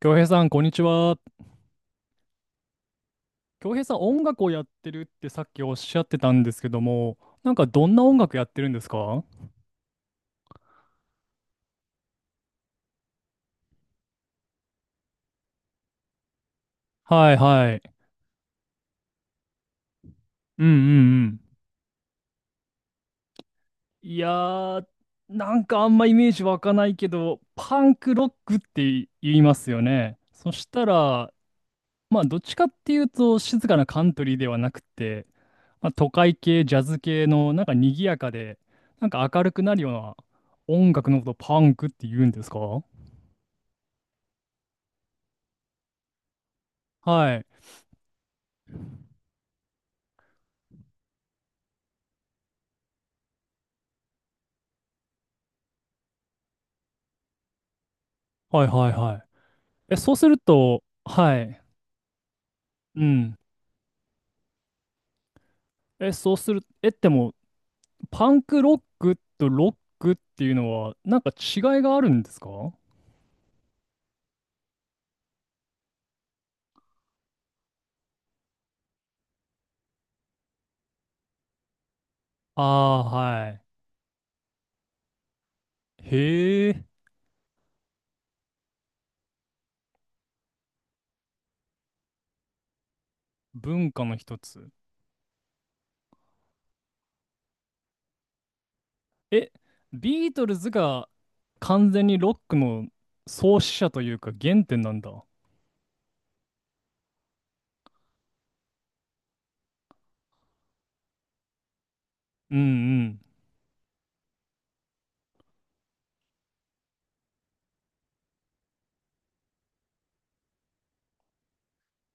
京平さん、こんにちは。京平さん、音楽をやってるってさっきおっしゃってたんですけども、なんかどんな音楽やってるんですか？はいはい。うんうんうん。いやー、なんかあんまイメージ湧かないけど、パンクロックって言いますよね。そしたら、まあ、どっちかっていうと、静かなカントリーではなくて、まあ、都会系、ジャズ系の、なんか賑やかで、なんか明るくなるような音楽のことをパンクって言うんですか？はい。はいはいはい。え、そうすると、はい。うん。え、そうする、え、でも、パンクロックとロックっていうのは、なんか違いがあるんですか？ああー、はい。へえ、文化の一つ。え、ビートルズが完全にロックの創始者というか原点なんだ。うんうん。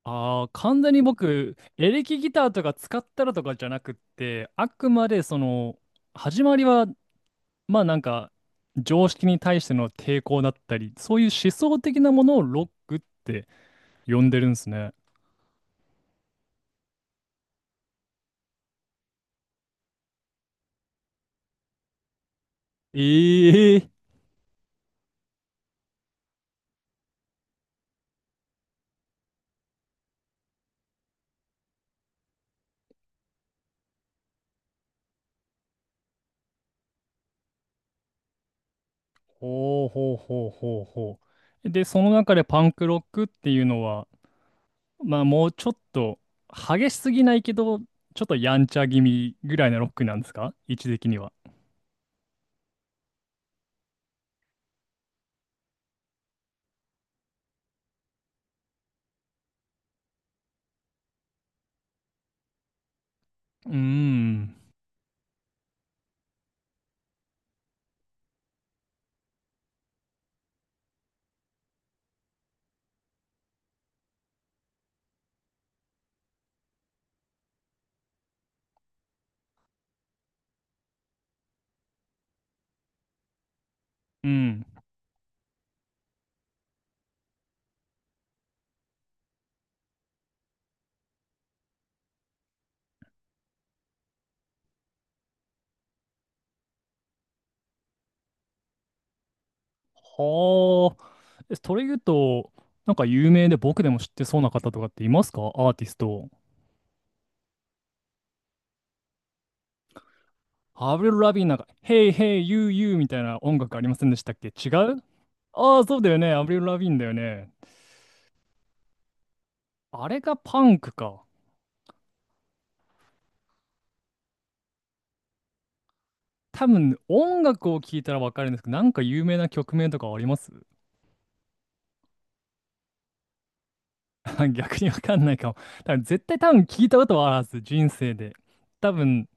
ああ、完全に僕、エレキギターとか使ったらとかじゃなくって、あくまでその、始まりはまあなんか常識に対しての抵抗だったり、そういう思想的なものをロックって呼んでるんですね。ええ。ほうほうほうほうほう。で、その中でパンクロックっていうのは、まあもうちょっと激しすぎないけど、ちょっとやんちゃ気味ぐらいのロックなんですか、位置的には。うーん。うん。はあ。えそれ言うと、なんか有名で僕でも知ってそうな方とかっていますか、アーティスト。アブリル・ラビーンなんか、Hey, hey, you, you みたいな音楽ありませんでしたっけ？違う？ああー、そうだよね。アブリル・ラビーンだよね。あれがパンクか。多分、音楽を聴いたらわかるんですけど、なんか有名な曲名とかあります？ 逆にわかんないかも。多分、絶対多分聞いたことはあるはず、人生で。多分、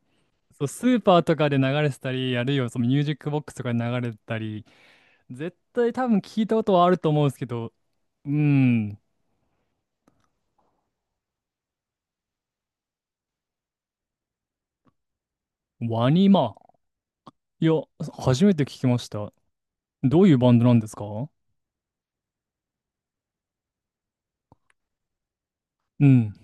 そう、スーパーとかで流れてたり、あるいはそのミュージックボックスとかで流れてたり、絶対多分聞いたことはあると思うんですけど、うーん、ワニマ。いや、初めて聞きました。どういうバンドなんですか？うん。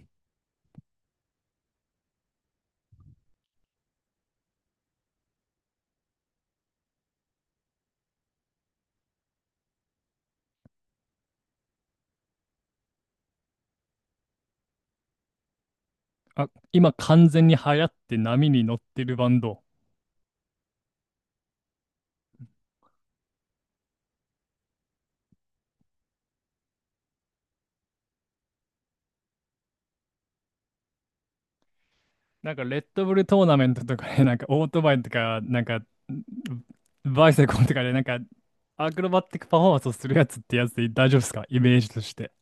あ、今完全に流行って波に乗ってるバンド。なんかレッドブルトーナメントとかで、なんかオートバイとか、なんかバイセコンとかで、なんかアクロバティックパフォーマンスをするやつってやつで大丈夫ですか、イメージとして。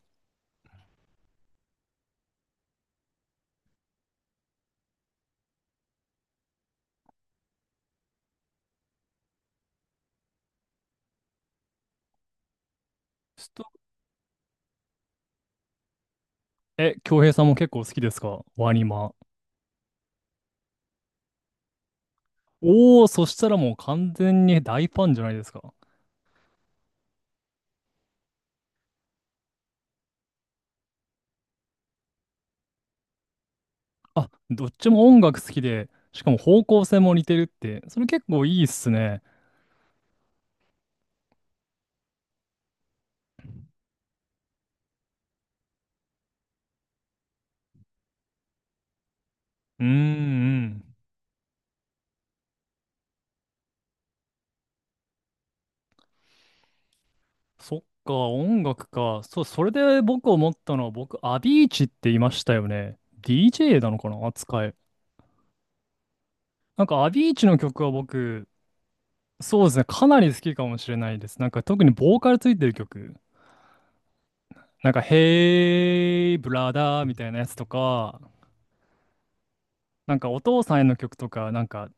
ス、え、京平さんも結構好きですか、ワニマ。おお、そしたらもう完全に大ファンじゃないですか。あ、どっちも音楽好きで、しかも方向性も似てるって、それ結構いいっすね。うーん、うん。そっか、音楽か。そう、それで僕思ったのは、僕、アビーチって言いましたよね。DJ なのかな、扱い。なんか、アビーチの曲は僕、そうですね、かなり好きかもしれないです。なんか、特にボーカルついてる曲。なんか、ヘイブラダーみたいなやつとか、なんかお父さんへの曲とか、なんか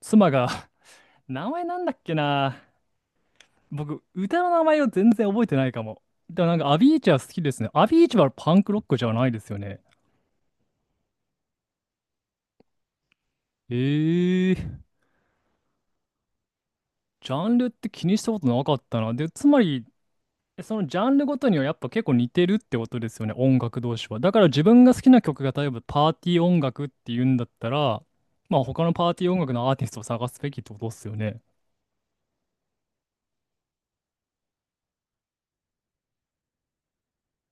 妻が 名前なんだっけな。僕、歌の名前を全然覚えてないかも。でもなんかアビーチは好きですね。アビーチはパンクロックじゃないですよね。ええー、ジャンルって気にしたことなかったな。で、つまり、そのジャンルごとにはやっぱ結構似てるってことですよね、音楽同士は。だから自分が好きな曲が例えばパーティー音楽っていうんだったら、まあ他のパーティー音楽のアーティストを探すべきってことですよね。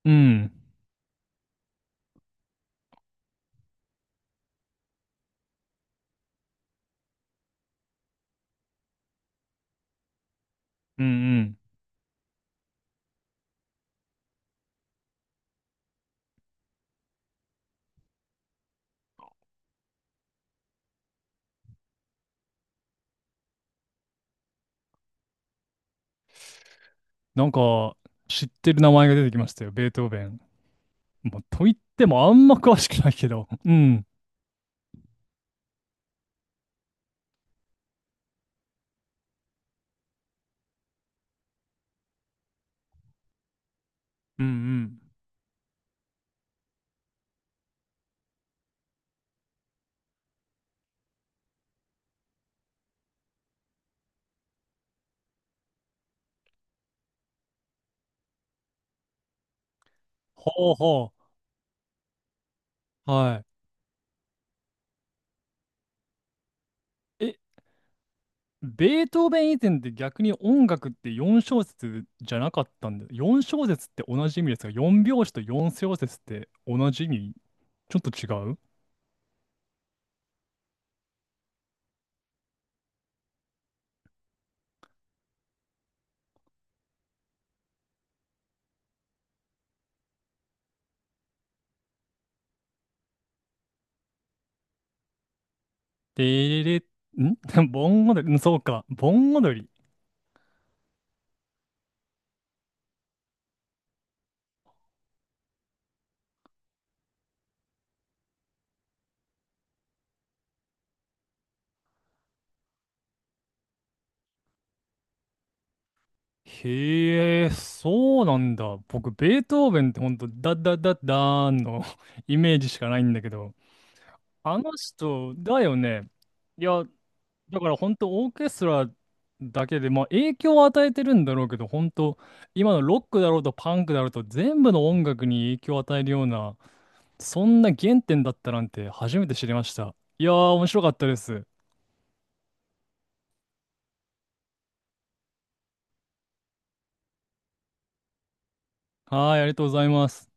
うん。うんうん。なんか、知ってる名前が出てきましたよ、ベートーベン。まあ、と言ってもあんま詳しくないけど。うん。うんうん。ほうほう。はい。え、ベートーベン以前って逆に音楽って4小節じゃなかったんで、4小節って同じ意味ですが、4拍子と4小節って同じ意味？ちょっと違う？でれれ、ん 盆踊り、うんそうか、盆踊り。へえ、そうなんだ。僕、ベートーベンってほんと、ダッダッダッダーンの イメージしかないんだけど、あの人だよね。いや、だからほんとオーケストラだけで、まあ影響を与えてるんだろうけど、ほんと、今のロックだろうとパンクだろうと全部の音楽に影響を与えるような、そんな原点だったなんて初めて知りました。いやー、面白かったです。はーい、ありがとうございます。